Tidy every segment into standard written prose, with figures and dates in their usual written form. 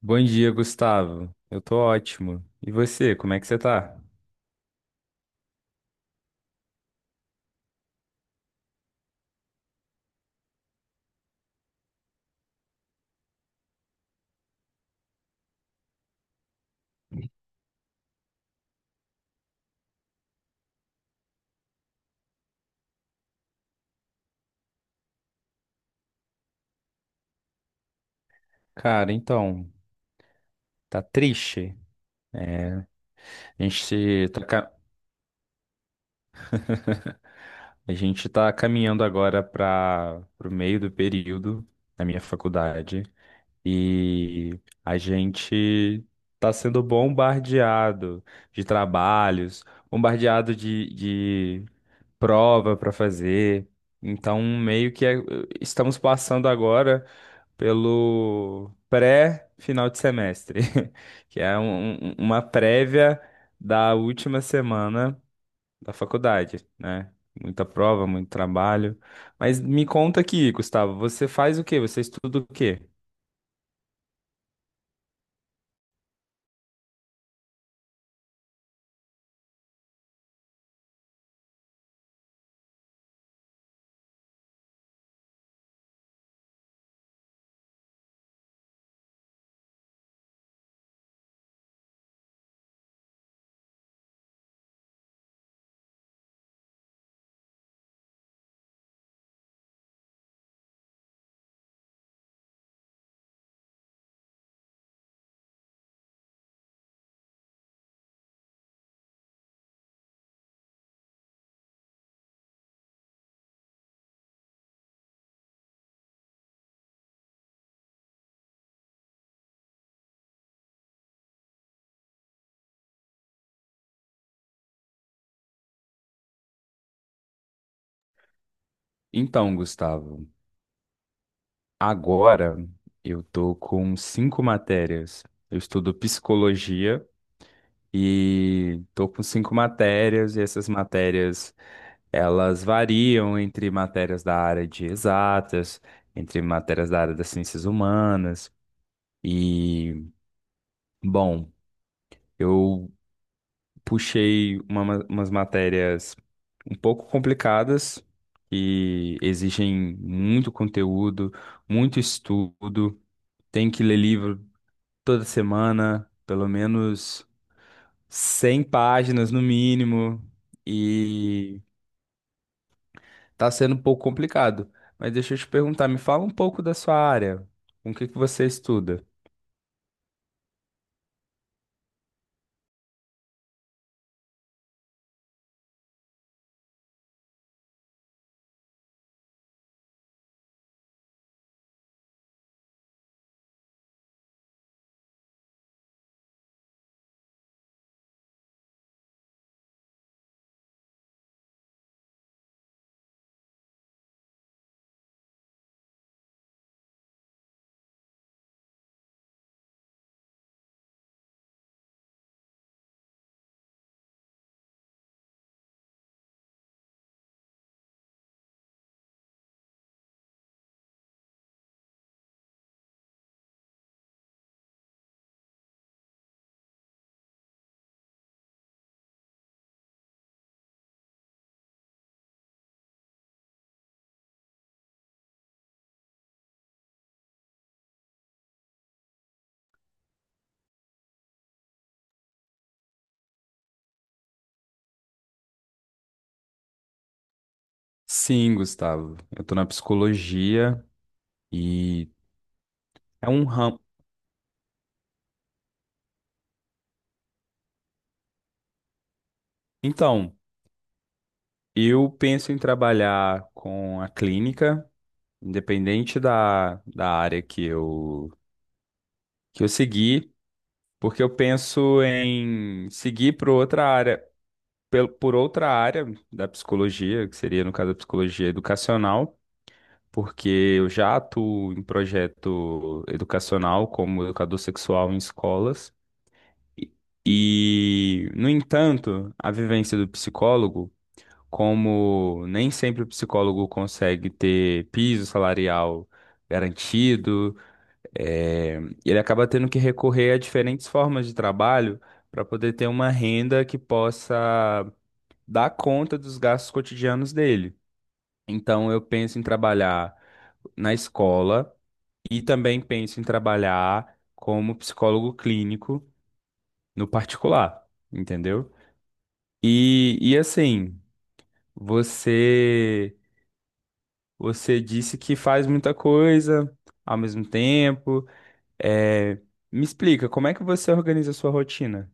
Bom dia, Gustavo. Eu tô ótimo. E você, como é que você tá? Cara, então, tá triste, né? A gente tá, ca- a gente tá caminhando agora para o meio do período na minha faculdade e a gente tá sendo bombardeado de trabalhos, bombardeado de prova para fazer. Então, estamos passando agora pelo pré-final de semestre, que é uma prévia da última semana da faculdade, né? Muita prova, muito trabalho. Mas me conta aqui, Gustavo, você faz o quê? Você estuda o quê? Então, Gustavo, agora eu tô com cinco matérias. Eu estudo psicologia e tô com cinco matérias, e essas matérias elas variam entre matérias da área de exatas, entre matérias da área das ciências humanas. E, bom, eu puxei umas matérias um pouco complicadas que exigem muito conteúdo, muito estudo. Tem que ler livro toda semana, pelo menos 100 páginas no mínimo, e tá sendo um pouco complicado. Mas deixa eu te perguntar, me fala um pouco da sua área. Com o que que você estuda? Sim, Gustavo. Eu tô na psicologia e é um ramo. Então, eu penso em trabalhar com a clínica, independente da área que eu seguir, porque eu penso em seguir para outra área. Pel- por outra área da psicologia, que seria, no caso, a psicologia educacional, porque eu já atuo em projeto educacional como educador sexual em escolas. E, e, no entanto, a vivência do psicólogo, como nem sempre o psicólogo consegue ter piso salarial garantido, eh, ele acaba tendo que recorrer a diferentes formas de trabalho para poder ter uma renda que possa dar conta dos gastos cotidianos dele. Então, eu penso em trabalhar na escola e também penso em trabalhar como psicólogo clínico no particular, entendeu? E assim, você você disse que faz muita coisa ao mesmo tempo. É, me explica, como é que você organiza a sua rotina?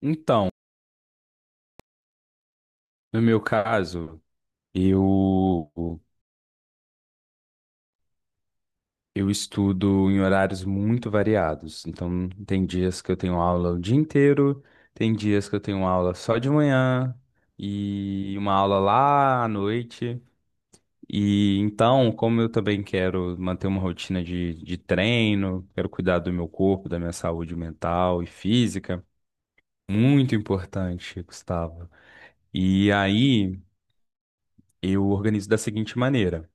Então, no meu caso, eu eu estudo em horários muito variados. Então, tem dias que eu tenho aula o dia inteiro, tem dias que eu tenho aula só de manhã e uma aula lá à noite. E então, como eu também quero manter uma rotina de treino, quero cuidar do meu corpo, da minha saúde mental e física, muito importante, Gustavo. E aí, eu organizo da seguinte maneira.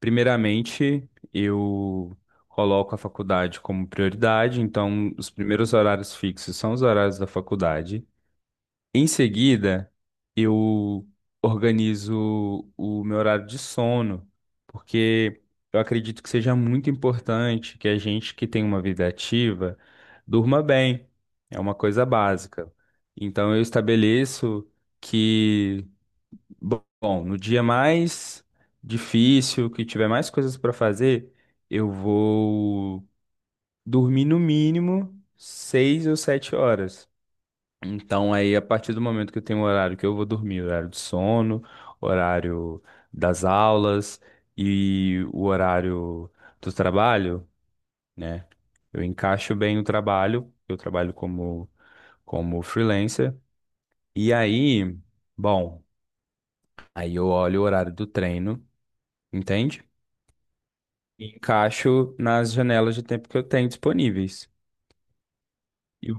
Primeiramente, eu coloco a faculdade como prioridade, então os primeiros horários fixos são os horários da faculdade. Em seguida, eu organizo o meu horário de sono, porque eu acredito que seja muito importante que a gente que tem uma vida ativa durma bem. É uma coisa básica. Então eu estabeleço que no dia mais difícil, que tiver mais coisas para fazer, eu vou dormir no mínimo 6 ou 7 horas. Então, aí, a partir do momento que eu tenho um horário que eu vou dormir, horário de sono, horário das aulas e o horário do trabalho, né? Eu encaixo bem o trabalho, eu trabalho como freelancer. E aí, bom, aí eu olho o horário do treino, entende? E encaixo nas janelas de tempo que eu tenho disponíveis. E o-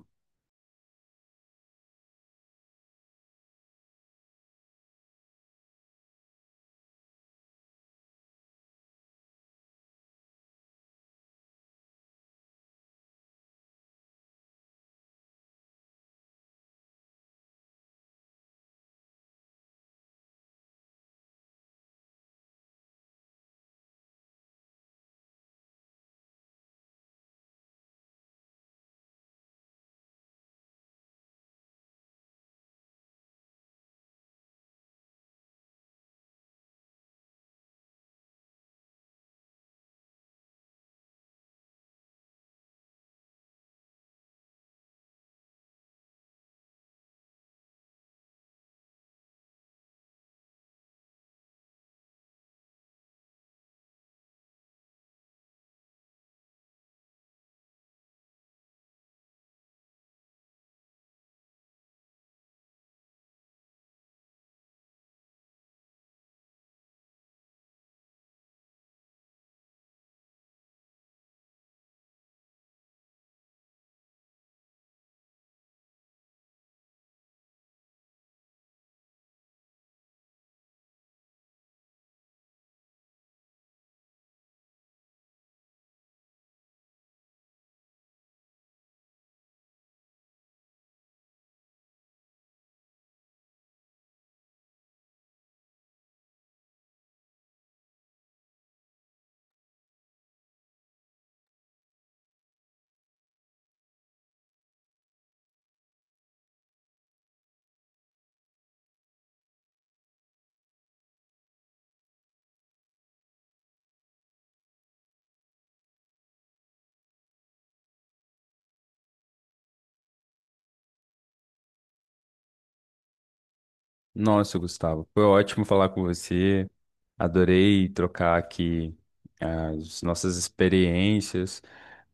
Nossa, Gustavo, foi ótimo falar com você. Adorei trocar aqui as nossas experiências.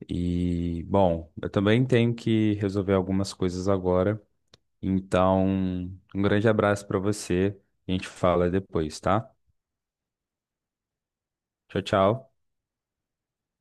E, bom, eu também tenho que resolver algumas coisas agora. Então, um grande abraço para você. A gente fala depois, tá? Tchau, tchau.